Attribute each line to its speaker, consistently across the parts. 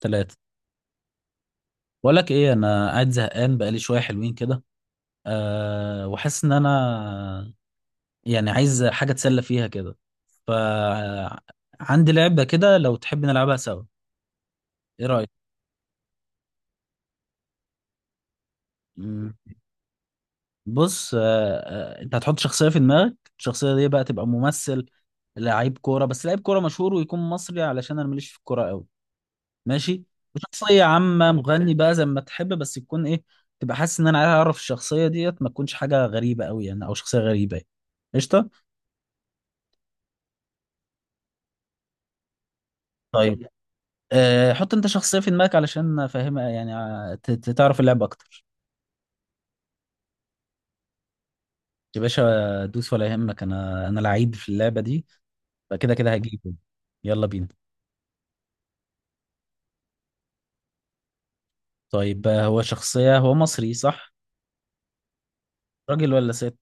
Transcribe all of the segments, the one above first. Speaker 1: ثلاثة. بقول لك ايه؟ انا قاعد زهقان بقالي شوية حلوين كده. وحاسس ان انا يعني عايز حاجة اتسلى فيها كده. ف عندي لعبة كده لو تحب نلعبها سوا. ايه رأيك؟ مم. بص انت هتحط شخصية في دماغك. الشخصية دي بقى تبقى ممثل لعيب كورة، بس لعيب كورة مشهور، ويكون مصري، علشان انا ماليش في الكورة قوي. ماشي. وشخصية عامة مغني بقى، زي ما تحب، بس تكون ايه. تبقى حاسس ان انا عايز اعرف الشخصية ديت ما تكونش حاجة غريبة قوي يعني، او شخصية غريبة يعني. قشطة. طيب حط انت شخصية في دماغك علشان افهمها، يعني تعرف اللعبة اكتر. يا باشا دوس ولا يهمك، انا لعيب في اللعبة دي، فكده كده هجيبه. يلا بينا. طيب هو شخصية هو مصري صح؟ راجل ولا ست؟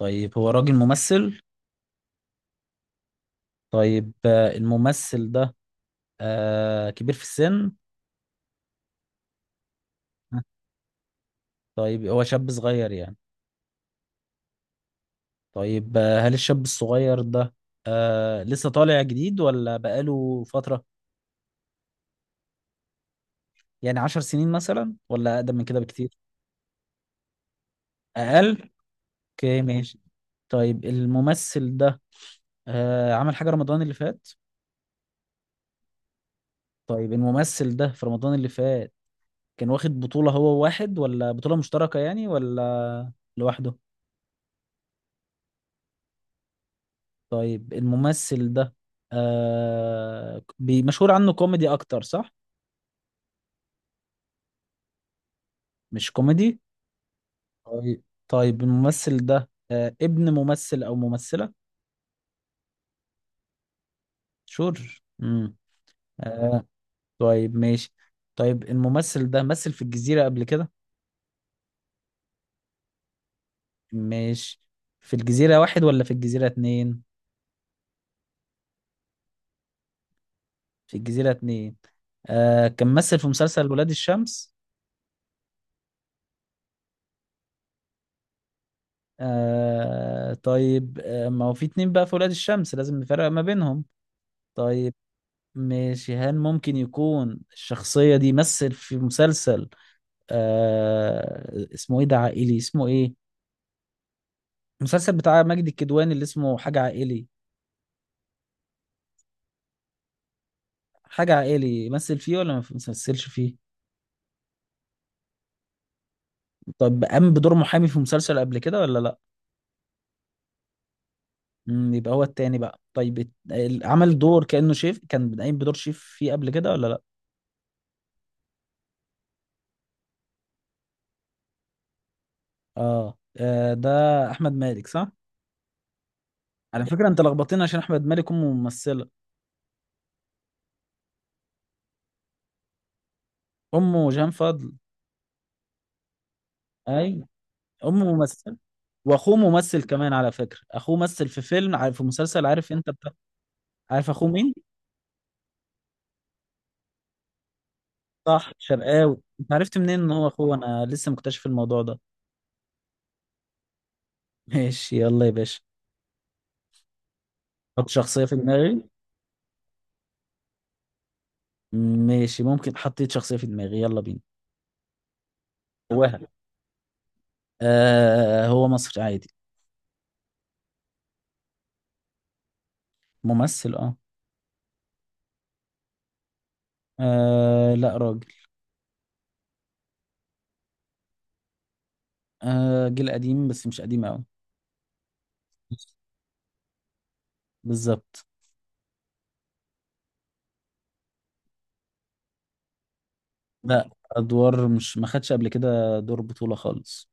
Speaker 1: طيب هو راجل ممثل. طيب الممثل ده كبير في السن؟ طيب هو شاب صغير يعني. طيب هل الشاب الصغير ده لسه طالع جديد ولا بقاله فترة؟ يعني 10 سنين مثلا، ولا أقدم من كده بكتير؟ أقل. اوكي ماشي. طيب الممثل ده عمل حاجة رمضان اللي فات؟ طيب الممثل ده في رمضان اللي فات كان واخد بطولة هو واحد، ولا بطولة مشتركة يعني، ولا لوحده؟ طيب الممثل ده مشهور عنه كوميدي أكتر صح؟ مش كوميدي. طيب الممثل ده ابن ممثل او ممثلة؟ شور. امم آه. طيب ماشي. طيب الممثل ده مثل في الجزيرة قبل كده؟ ماشي. في الجزيرة واحد ولا في الجزيرة اتنين؟ في الجزيرة اتنين كان مثل في مسلسل ولاد الشمس. طيب ما هو في اتنين بقى في ولاد الشمس، لازم نفرق ما بينهم. طيب ماشي. هل ممكن يكون الشخصية دي مثل في مسلسل اسمه ايه ده عائلي؟ اسمه ايه، المسلسل بتاع ماجد الكدواني اللي اسمه حاجة عائلي؟ حاجة عائلي مثل فيه ولا ما مثلش فيه؟ طب قام بدور محامي في مسلسل قبل كده ولا لا؟ يبقى هو التاني بقى. طيب عمل دور كأنه شيف، كان قايم بدور شيف فيه قبل كده ولا لا؟ ده احمد مالك صح؟ على فكرة انت لخبطتني، عشان احمد مالك امه ممثلة. امه جهان فضل. اي. امه ممثلة، واخوه ممثل كمان. على فكرة اخوه مثل في فيلم، عارف؟ في مسلسل، عارف انت بتاع؟ عارف اخوه مين؟ صح، شرقاوي. انت عرفت منين ان هو اخوه؟ انا لسه مكتشف الموضوع ده. ماشي يلا يا باشا. حط شخصية في دماغي. ماشي، ممكن حطيت شخصية في دماغي، يلا بينا. هواها. هو مصري عادي. ممثل لا، راجل. جيل قديم، بس مش قديم قوي. بالظبط. لا، ادوار، مش ما خدش قبل كده دور بطولة خالص.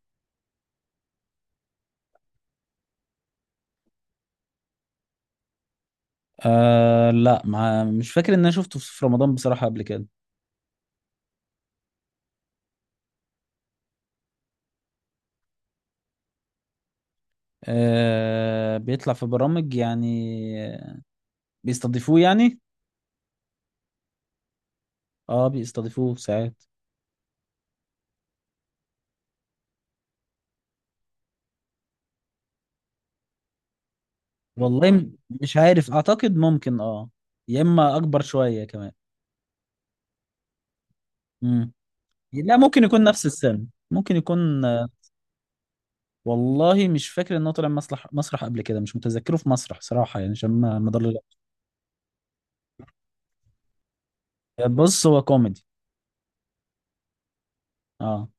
Speaker 1: لا، ما مش فاكر ان انا شفته في رمضان بصراحة قبل كده. بيطلع في برامج يعني. بيستضيفوه يعني. اه، بيستضيفوه ساعات. والله مش عارف، اعتقد ممكن يا اما اكبر شوية كمان. امم. لا، ممكن يكون نفس السن، ممكن يكون والله مش فاكر ان هو طلع مسرح قبل كده، مش متذكره في مسرح صراحة، يعني عشان ما بص هو كوميدي. اه.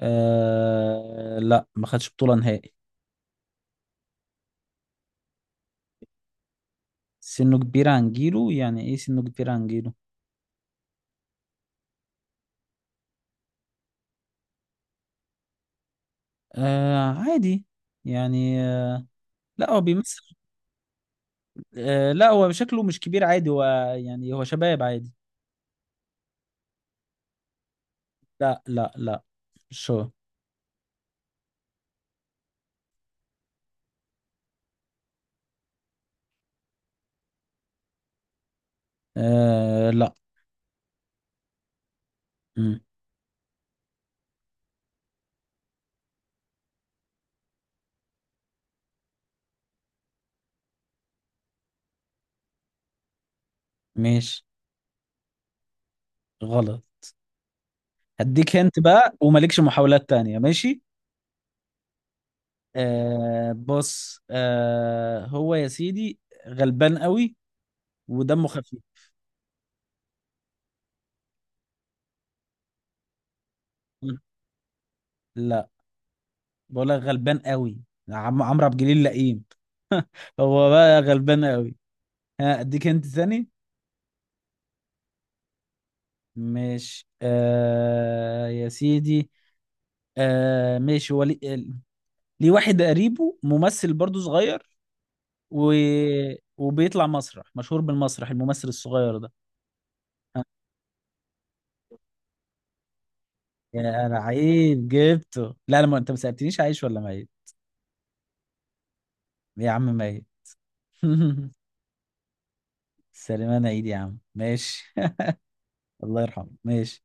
Speaker 1: لا، ما خدش بطولة نهائي. سنه كبير عن جيله، يعني ايه سنه كبير عن جيله؟ عادي، يعني لا هو بيمثل. لا، هو شكله مش كبير عادي، هو يعني هو شباب عادي. لا لا لا. شو. لا. مم. ماشي. غلط. هديك هنت بقى، ومالكش محاولات تانية. ماشي بص هو يا سيدي غلبان قوي، ودمه خفيف. مم. لا، بقول لك غلبان قوي. عمرو عبد الجليل لئيم. هو بقى غلبان قوي. ها اديك هنت ثاني. ماشي يا سيدي ماشي، هو ليه؟ ليه واحد قريبه ممثل برضو صغير و... وبيطلع مسرح، مشهور بالمسرح الممثل الصغير ده. يا انا عيب جبته؟ لا انا ما انت ما سالتنيش عايش ولا ميت. يا عم ميت. سليمان عيد يا عم، ماشي. الله يرحمه. ماشي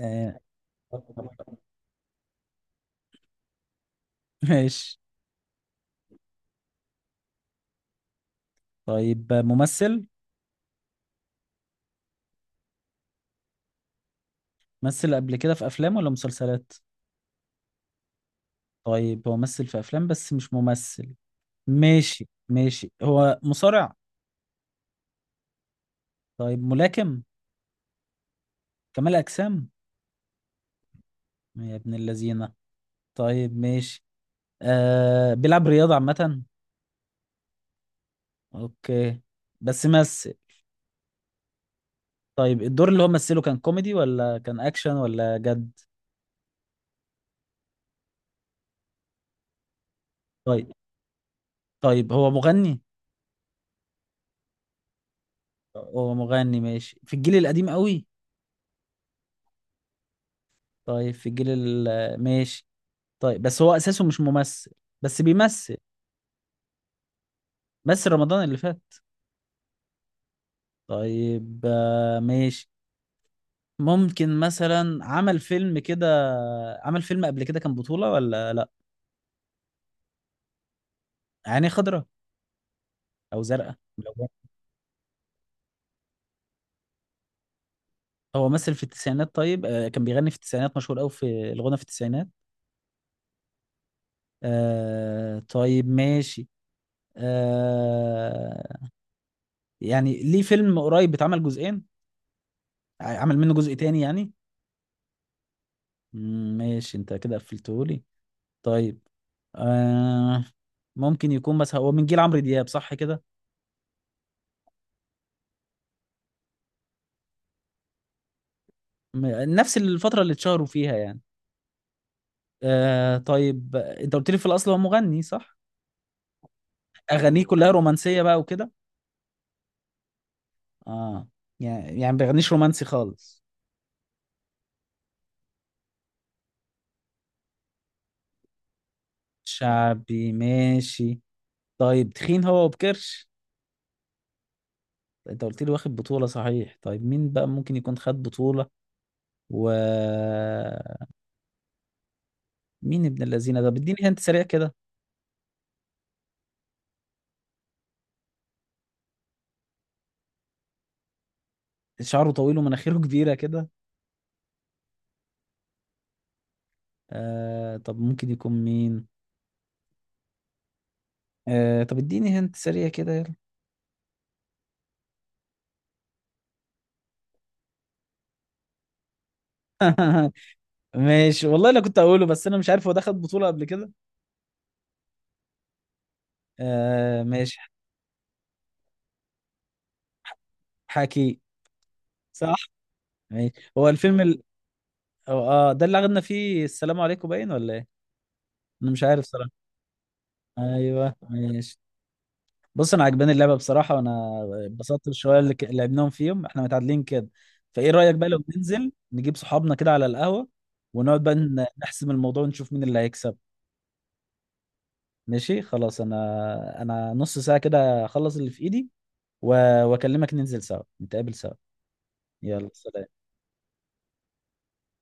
Speaker 1: آه، ماشي. طيب ممثل. مثل قبل كده في افلام ولا مسلسلات؟ طيب هو مثل في افلام بس مش ممثل. ماشي ماشي، هو مصارع؟ طيب ملاكم؟ كمال اجسام؟ يا ابن اللذينه. طيب ماشي بيلعب رياضة عامة؟ اوكي. بس مثل. طيب الدور اللي هو مثله كان كوميدي، ولا كان اكشن، ولا جد؟ طيب. طيب هو مغني. هو مغني، ماشي، في الجيل القديم قوي؟ طيب في ماشي. طيب بس هو اساسه مش ممثل، بس بيمثل. بس رمضان اللي فات. طيب ماشي. ممكن مثلا عمل فيلم كده، عمل فيلم قبل كده كان بطولة ولا لا؟ عيني خضراء او زرقاء. هو مثل في التسعينات. طيب كان بيغني في التسعينات، مشهور قوي في الغنى في التسعينات. طيب ماشي. آه يعني ليه فيلم قريب اتعمل جزئين، عمل منه جزء تاني يعني؟ ماشي، انت كده قفلتهولي. طيب آه ممكن يكون، بس هو من جيل عمرو دياب صح كده؟ م- نفس الفترة اللي اتشهروا فيها يعني. طيب، انت قلت لي في الاصل هو مغني صح؟ اغانيه كلها رومانسية بقى وكده؟ اه. يعني ما بيغنيش رومانسي خالص. شعبي، ماشي. طيب تخين هو وبكرش؟ انت قلت لي واخد بطولة صحيح، طيب مين بقى ممكن يكون خد بطولة و مين ابن الذين ده، بديني هنت سريع كده. شعره طويل ومناخيره كبيرة كده. طب ممكن يكون مين؟ طب اديني هنت سريع كده يلا. ماشي، والله انا كنت اقوله، بس انا مش عارف هو ده خد بطولة قبل كده. ماشي. حكي. صح. ماشي، هو الفيلم ال... هو- اه ده اللي اخدنا فيه السلام عليكم، باين ولا ايه؟ انا مش عارف صراحة. ايوه ماشي. بص انا عجباني اللعبه بصراحه، وانا اتبسطت بالشويه اللي لعبناهم، فيهم احنا متعادلين كده. فايه رايك بقى لو ننزل نجيب صحابنا كده على القهوه، ونقعد بقى نحسم الموضوع ونشوف مين اللي هيكسب؟ ماشي خلاص، انا نص ساعه كده اخلص اللي في ايدي، واكلمك ننزل سوا، نتقابل سوا. يلا، سلام.